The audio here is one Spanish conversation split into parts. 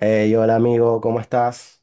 Hey, hola amigo, ¿cómo estás?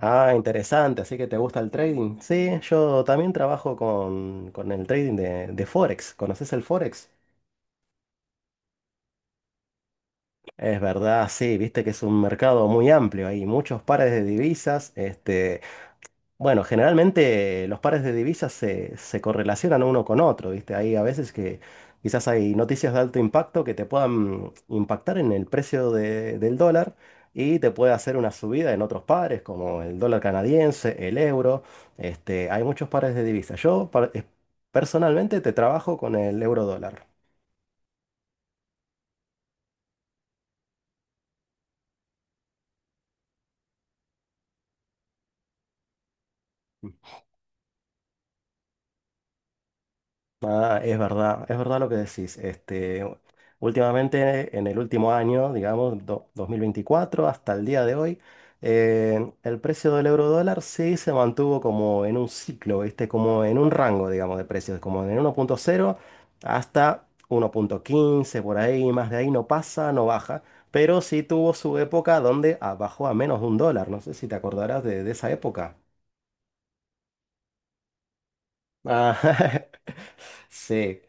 Ah, interesante, así que te gusta el trading. Sí, yo también trabajo con el trading de Forex. ¿Conoces el Forex? Es verdad, sí, viste que es un mercado muy amplio, hay muchos pares de divisas. Bueno generalmente los pares de divisas se correlacionan uno con otro, ¿viste? Hay a veces que quizás hay noticias de alto impacto que te puedan impactar en el precio del dólar y te puede hacer una subida en otros pares, como el dólar canadiense, el euro. Hay muchos pares de divisas. Personalmente te trabajo con el euro dólar. Ah, es verdad lo que decís. Últimamente, en el último año, digamos, 2024 hasta el día de hoy, el precio del euro dólar sí se mantuvo como en un ciclo, ¿viste? Como en un rango, digamos, de precios, como en 1.0 hasta 1.15 por ahí, más de ahí no pasa, no baja. Pero sí tuvo su época donde bajó a menos de un dólar. No sé si te acordarás de esa época. Ah, sí.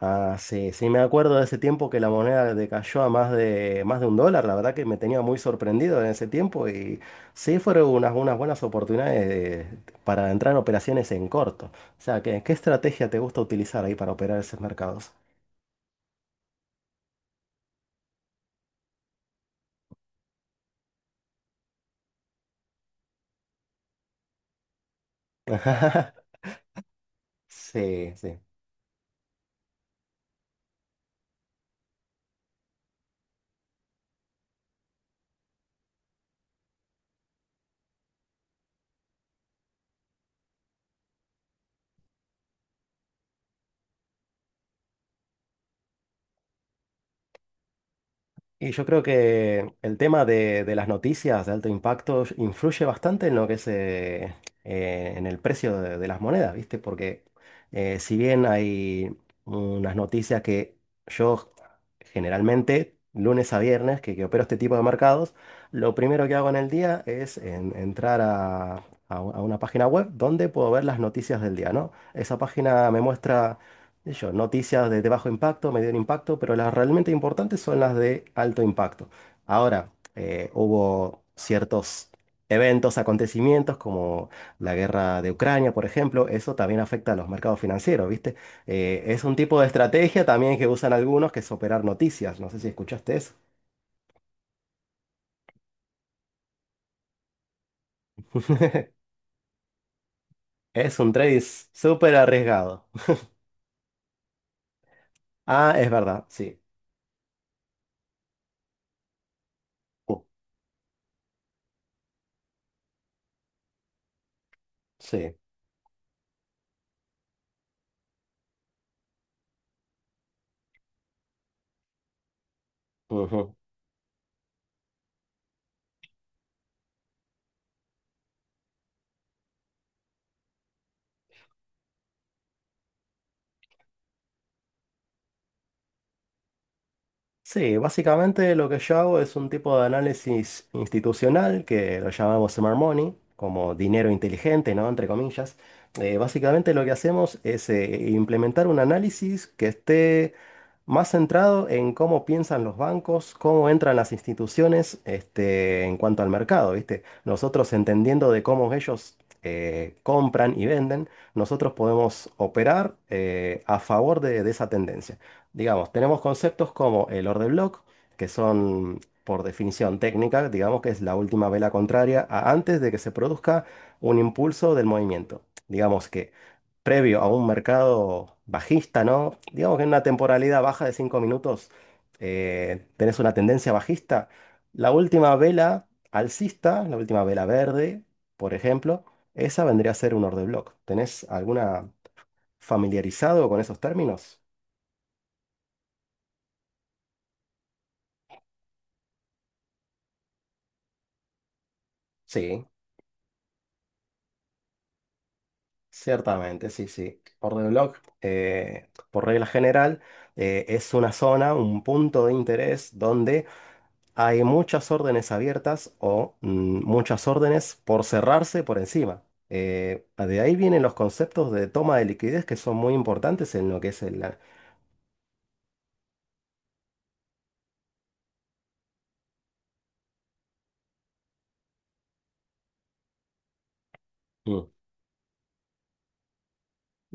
Ah, sí, sí, me acuerdo de ese tiempo que la moneda decayó a más de un dólar, la verdad que me tenía muy sorprendido en ese tiempo, y sí fueron unas buenas oportunidades para entrar en operaciones en corto. O sea, ¿qué estrategia te gusta utilizar ahí para operar esos mercados? Sí, sí. Y yo creo que el tema de las noticias de alto impacto influye bastante en lo que es en el precio de las monedas, ¿viste? Porque si bien hay unas noticias que yo generalmente lunes a viernes, que opero este tipo de mercados, lo primero que hago en el día es entrar a una página web donde puedo ver las noticias del día, ¿no? Esa página me muestra, qué sé yo, noticias de bajo impacto, medio impacto, pero las realmente importantes son las de alto impacto. Ahora, hubo ciertos eventos, acontecimientos como la guerra de Ucrania, por ejemplo, eso también afecta a los mercados financieros, ¿viste? Es un tipo de estrategia también que usan algunos, que es operar noticias. No sé si escuchaste eso. Es un trade súper arriesgado. Ah, es verdad, sí. Uh, sí. Ujú. Sí, básicamente lo que yo hago es un tipo de análisis institucional que lo llamamos smart money, como dinero inteligente, ¿no? Entre comillas. Básicamente lo que hacemos es implementar un análisis que esté más centrado en cómo piensan los bancos, cómo entran las instituciones, en cuanto al mercado, ¿viste? Nosotros entendiendo de cómo ellos compran y venden, nosotros podemos operar a favor de esa tendencia. Digamos, tenemos conceptos como el or de block, que son por definición técnica, digamos que es la última vela contraria a antes de que se produzca un impulso del movimiento. Digamos que previo a un mercado bajista, ¿no? Digamos que en una temporalidad baja de 5 minutos tenés una tendencia bajista. La última vela alcista, la última vela verde, por ejemplo, esa vendría a ser un or de block. ¿Tenés alguna familiarizado con esos términos? Sí. Ciertamente, sí, sí. Orden de blog, por regla general, es una zona, un punto de interés donde hay muchas órdenes abiertas o muchas órdenes por cerrarse por encima. De ahí vienen los conceptos de toma de liquidez que son muy importantes en lo que es el. Mm,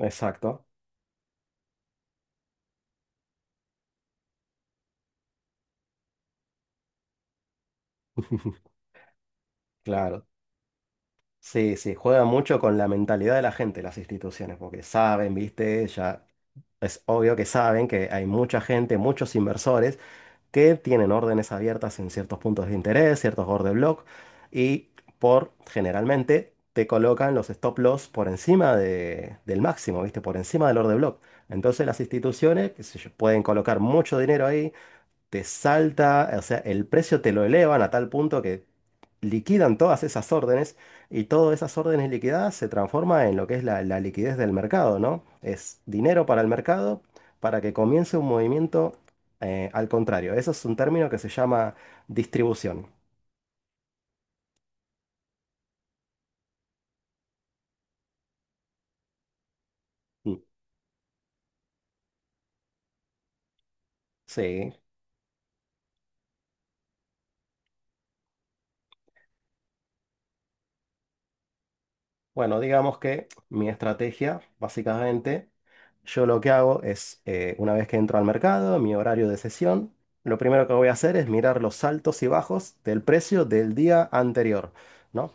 exacto. Claro, sí, sí, juegan mucho con la mentalidad de la gente, las instituciones, porque saben, viste, ya es obvio que saben que hay mucha gente, muchos inversores que tienen órdenes abiertas en ciertos puntos de interés, ciertos order block, y por generalmente te colocan los stop loss por encima del máximo, ¿viste? Por encima del order block. Entonces las instituciones, qué sé yo, pueden colocar mucho dinero ahí, te salta, o sea, el precio te lo elevan a tal punto que liquidan todas esas órdenes, y todas esas órdenes liquidadas se transforma en lo que es la liquidez del mercado, ¿no? Es dinero para el mercado para que comience un movimiento al contrario. Eso es un término que se llama distribución. Mm, sí. Bueno, digamos que mi estrategia, básicamente, yo lo que hago es, una vez que entro al mercado, mi horario de sesión, lo primero que voy a hacer es mirar los altos y bajos del precio del día anterior, ¿no?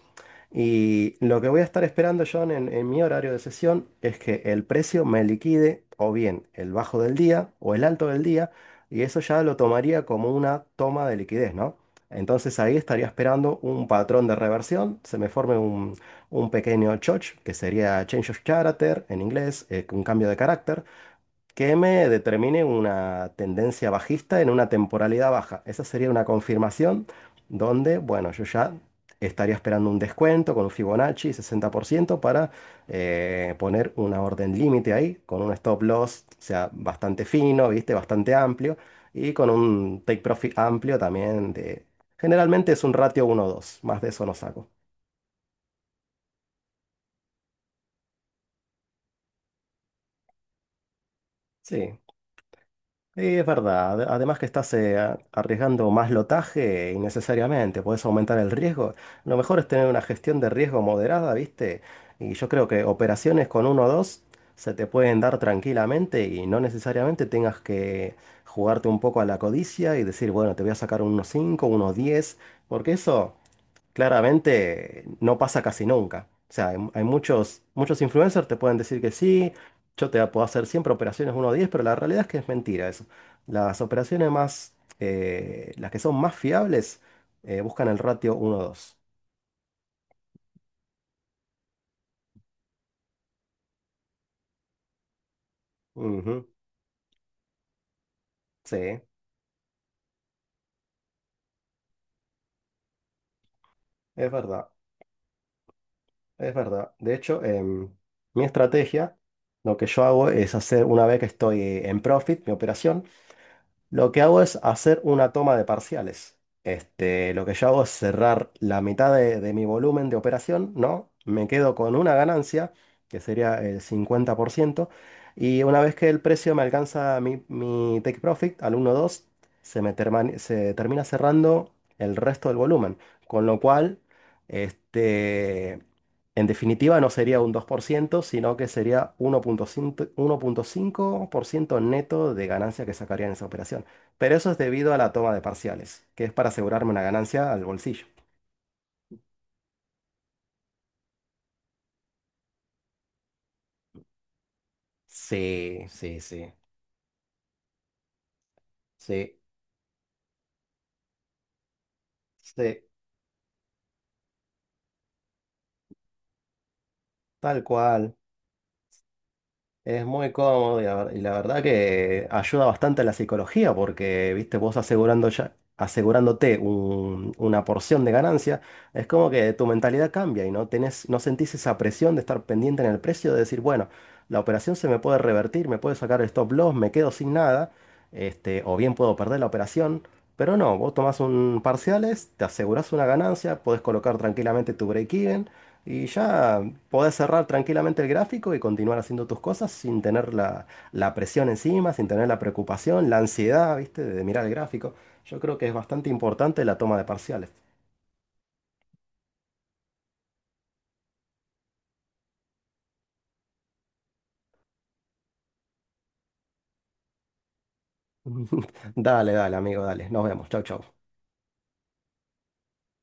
Y lo que voy a estar esperando, John, en mi horario de sesión es que el precio me liquide o bien el bajo del día o el alto del día, y eso ya lo tomaría como una toma de liquidez, ¿no? Entonces ahí estaría esperando un patrón de reversión, se me forme un pequeño choch, que sería change of character en inglés, un cambio de carácter, que me determine una tendencia bajista en una temporalidad baja. Esa sería una confirmación donde, bueno, yo ya estaría esperando un descuento con un Fibonacci 60% para poner una orden límite ahí, con un stop loss, o sea, bastante fino, ¿viste? Bastante amplio, y con un take profit amplio también de. Generalmente es un ratio uno dos, más de eso no saco. Sí. Sí, es verdad. Además, que estás arriesgando más lotaje innecesariamente, puedes aumentar el riesgo. Lo mejor es tener una gestión de riesgo moderada, ¿viste? Y yo creo que operaciones con uno o dos se te pueden dar tranquilamente y no necesariamente tengas que jugarte un poco a la codicia y decir, bueno, te voy a sacar unos 5, unos 10, porque eso claramente no pasa casi nunca. O sea, hay muchos, muchos influencers te pueden decir que sí, yo te puedo hacer siempre operaciones uno a 10, pero la realidad es que es mentira eso. Las operaciones las que son más fiables, buscan el ratio uno a dos. Ujú, sí, es verdad, es verdad. De hecho, mi estrategia, lo que yo hago es hacer, una vez que estoy en profit, mi operación, lo que hago es hacer una toma de parciales. Lo que yo hago es cerrar la mitad de mi volumen de operación, ¿no? Me quedo con una ganancia, que sería el 50%, y una vez que el precio me alcanza mi take profit al uno dos, se termina cerrando el resto del volumen, con lo cual, este, en definitiva, no sería un 2%, sino que sería 1.5% neto de ganancia que sacaría en esa operación. Pero eso es debido a la toma de parciales, que es para asegurarme una ganancia al bolsillo. Sí, sí, sí, sí, sí, tal cual. Es muy cómodo y y la verdad que ayuda bastante a la psicología porque, viste, vos asegurando ya, asegurándote una porción de ganancia, es como que tu mentalidad cambia y no tenés, no sentís esa presión de estar pendiente en el precio, de decir, bueno, la operación se me puede revertir, me puede sacar el stop loss, me quedo sin nada, o bien puedo perder la operación, pero no, vos tomás un parciales, te asegurás una ganancia, podés colocar tranquilamente tu break-even y ya podés cerrar tranquilamente el gráfico y continuar haciendo tus cosas sin tener la presión encima, sin tener la preocupación, la ansiedad, ¿viste? De mirar el gráfico. Yo creo que es bastante importante la toma de parciales. Dale, dale, amigo, dale. Nos vemos. Chau, chau.